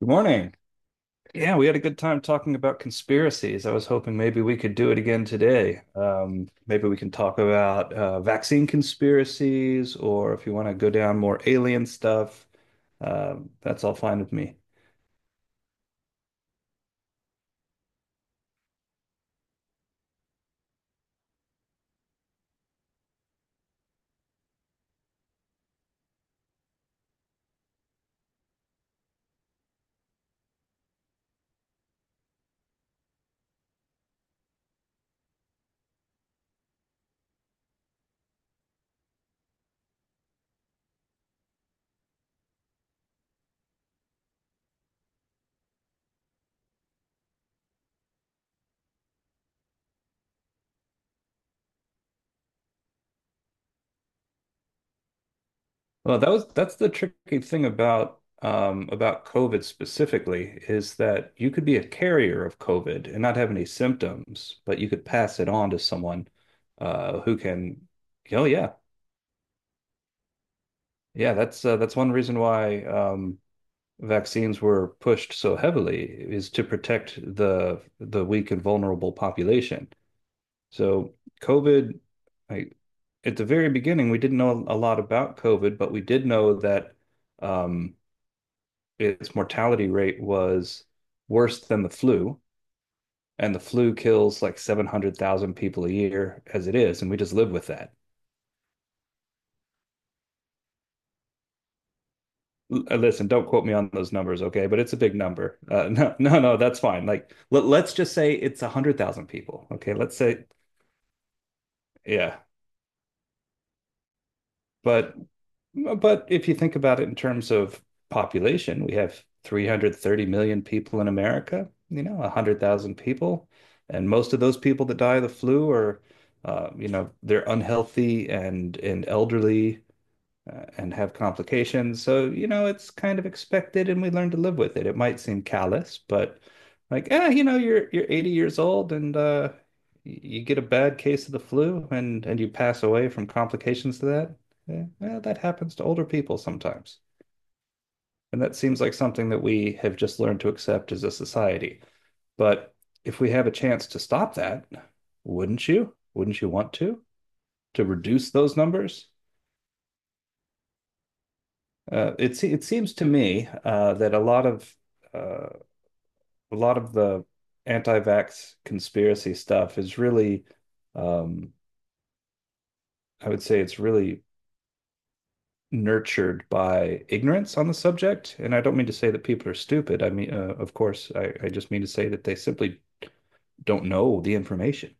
Good morning. Yeah, we had a good time talking about conspiracies. I was hoping maybe we could do it again today. Maybe we can talk about vaccine conspiracies, or if you want to go down more alien stuff, that's all fine with me. Well, that's the tricky thing about COVID specifically is that you could be a carrier of COVID and not have any symptoms, but you could pass it on to someone who can. Oh yeah, yeah. That's one reason why. Vaccines were pushed so heavily is to protect the weak and vulnerable population. So COVID, I, at the very beginning, we didn't know a lot about COVID, but we did know that um, its mortality rate was worse than the flu, and the flu kills like 700,000 people a year as it is, and we just live with that. Listen, don't quote me on those numbers, okay? But it's a big number. No, no, no, that's fine. Like, let's just say it's 100,000 people, okay? Let's say, yeah. But, but if you think about it in terms of population, we have 330 million people in America. You know, 100,000 people, and most of those people that die of the flu are, you know, they're unhealthy and elderly and have complications. So, you know, it's kind of expected and we learn to live with it. It might seem callous, but like, ah, you know, you're 80 years old and you get a bad case of the flu and you pass away from complications to that. Yeah, well, that happens to older people sometimes. And that seems like something that we have just learned to accept as a society. But if we have a chance to stop that, wouldn't you? Wouldn't you want to? To reduce those numbers? It seems to me that uh, a lot of the anti-vax conspiracy stuff is really, um, I would say, it's really nurtured by ignorance on the subject. And I don't mean to say that people are stupid. I mean, of course, I just mean to say that they simply don't know the information,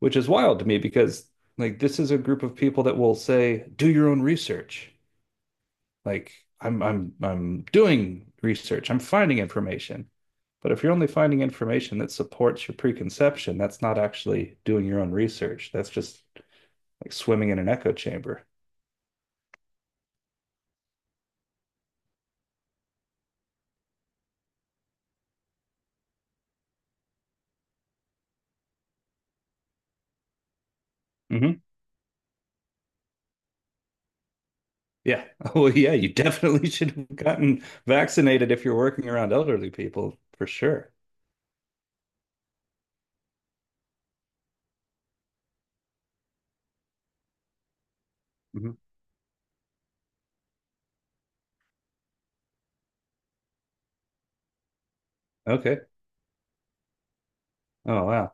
which is wild to me because like this is a group of people that will say, do your own research. Like I'm doing research, I'm finding information. But if you're only finding information that supports your preconception, that's not actually doing your own research. That's just like swimming in an echo chamber. Hmm Yeah. Well, yeah, you definitely should have gotten vaccinated if you're working around elderly people, for sure. hmm Okay. Oh, wow.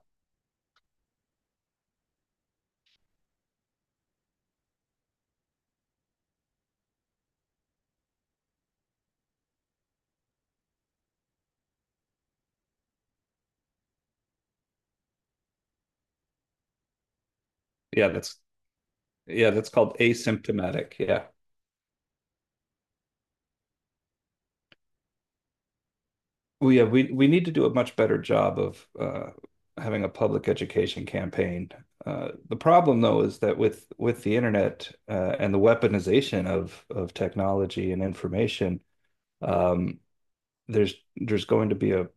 Yeah, that's Yeah, that's called asymptomatic. Yeah. We need to do a much better job of having a public education campaign. The problem, though, is that with the internet and the weaponization of technology and information, um, there's going to be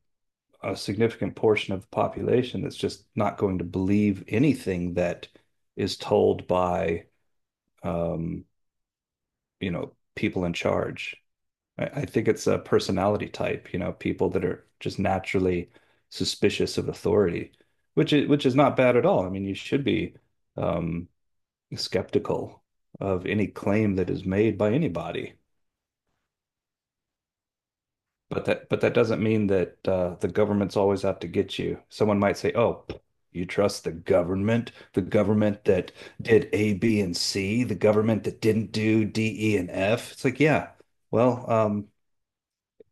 a significant portion of the population that's just not going to believe anything that is told by um, you know people in charge. I think it's a personality type, you know, people that are just naturally suspicious of authority, which is not bad at all. I mean, you should be um, skeptical of any claim that is made by anybody. But that doesn't mean that the government's always out to get you. Someone might say, "Oh, pff, you trust the government that did A, B, and C, the government that didn't do D, E, and F." It's like, yeah, well,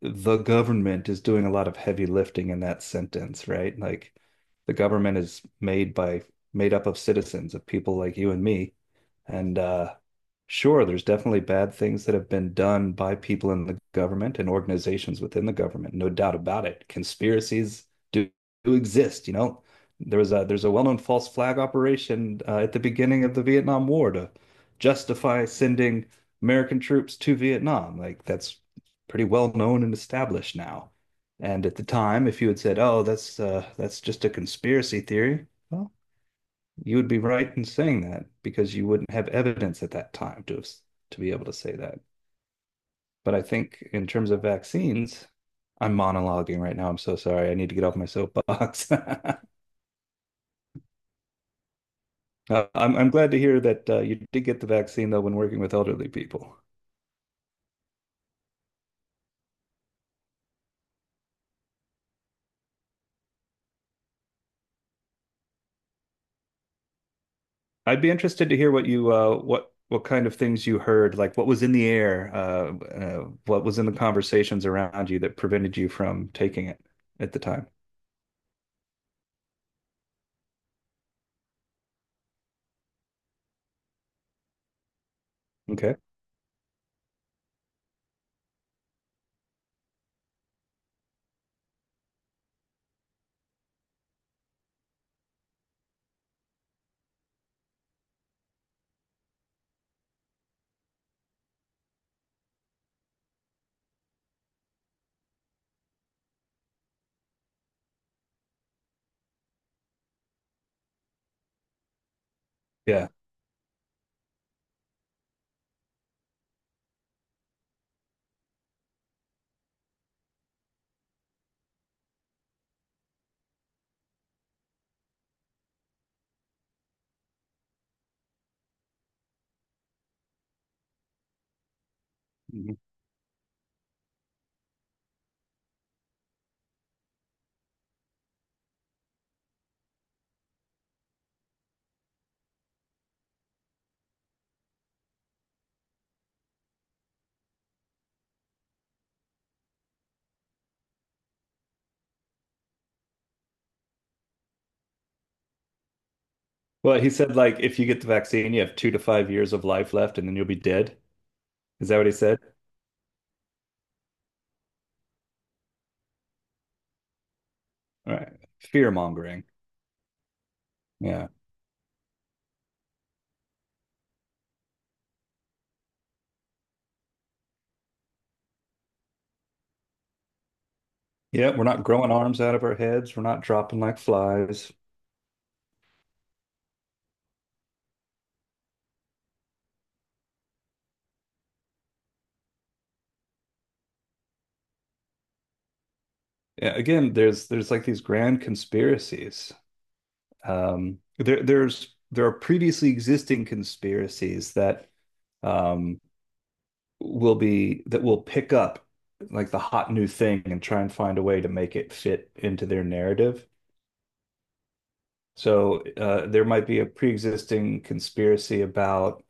the government is doing a lot of heavy lifting in that sentence, right? Like the government is made up of citizens, of people like you and me. And sure, there's definitely bad things that have been done by people in the government and organizations within the government, no doubt about it. Conspiracies do exist, you know. There's a well-known false flag operation at the beginning of the Vietnam War to justify sending American troops to Vietnam. Like that's pretty well known and established now. And at the time, if you had said, "Oh, that's just a conspiracy theory," well, you would be right in saying that because you wouldn't have evidence at that time to to be able to say that. But I think in terms of vaccines, I'm monologuing right now. I'm so sorry. I need to get off my soapbox. I'm glad to hear that you did get the vaccine though when working with elderly people. I'd be interested to hear what you what kind of things you heard, like what was in the air, what was in the conversations around you that prevented you from taking it at the time. Okay. Yeah. Mhm. Well, he said like if you get the vaccine, you have 2 to 5 years of life left, and then you'll be dead. Is that what he said? All right. Fear mongering. Yeah. Yeah, we're not growing arms out of our heads. We're not dropping like flies. Yeah, again, there's like these grand conspiracies. There are previously existing conspiracies that um, will be that will pick up like the hot new thing and try and find a way to make it fit into their narrative. So there might be a pre-existing conspiracy about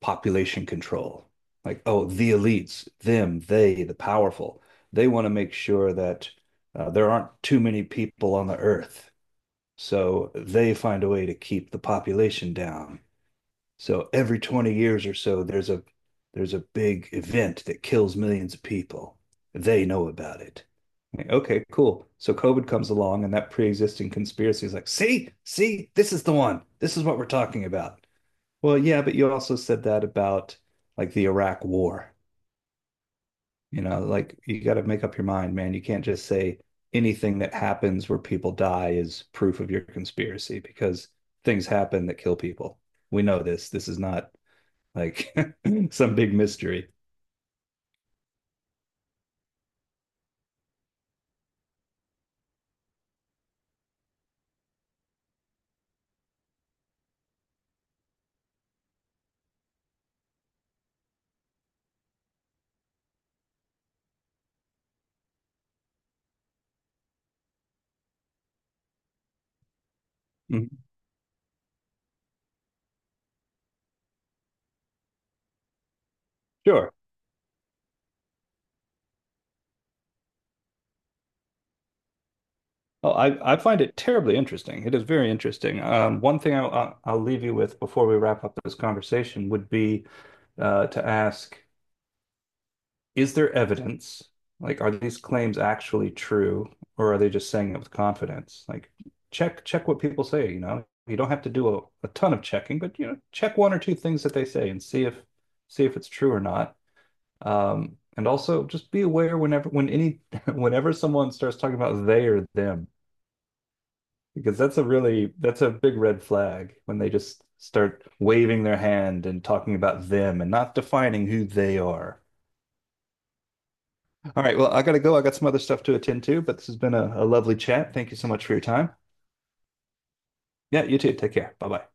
population control. Like, oh, the elites, them, they, the powerful, they want to make sure that there aren't too many people on the earth. So they find a way to keep the population down. So every 20 years or so, there's a big event that kills millions of people. They know about it. Like, okay, cool. So COVID comes along, and that pre-existing conspiracy is like, see, see, this is the one. This is what we're talking about. Well, yeah, but you also said that about like the Iraq War. You know, like you got to make up your mind, man. You can't just say anything that happens where people die is proof of your conspiracy because things happen that kill people. We know this. This is not like some big mystery. Mhm. Sure. Oh, I find it terribly interesting. It is very interesting. One thing I'll leave you with before we wrap up this conversation would be to ask, is there evidence? Like, are these claims actually true, or are they just saying it with confidence? Like, check what people say, you know. You don't have to do a ton of checking, but you know, check 1 or 2 things that they say and see if it's true or not. And also just be aware whenever when any whenever someone starts talking about they or them, because that's a really that's a big red flag when they just start waving their hand and talking about them and not defining who they are. All right, well, I gotta go. I got some other stuff to attend to, but this has been a lovely chat. Thank you so much for your time. Yeah, you too. Take care. Bye bye.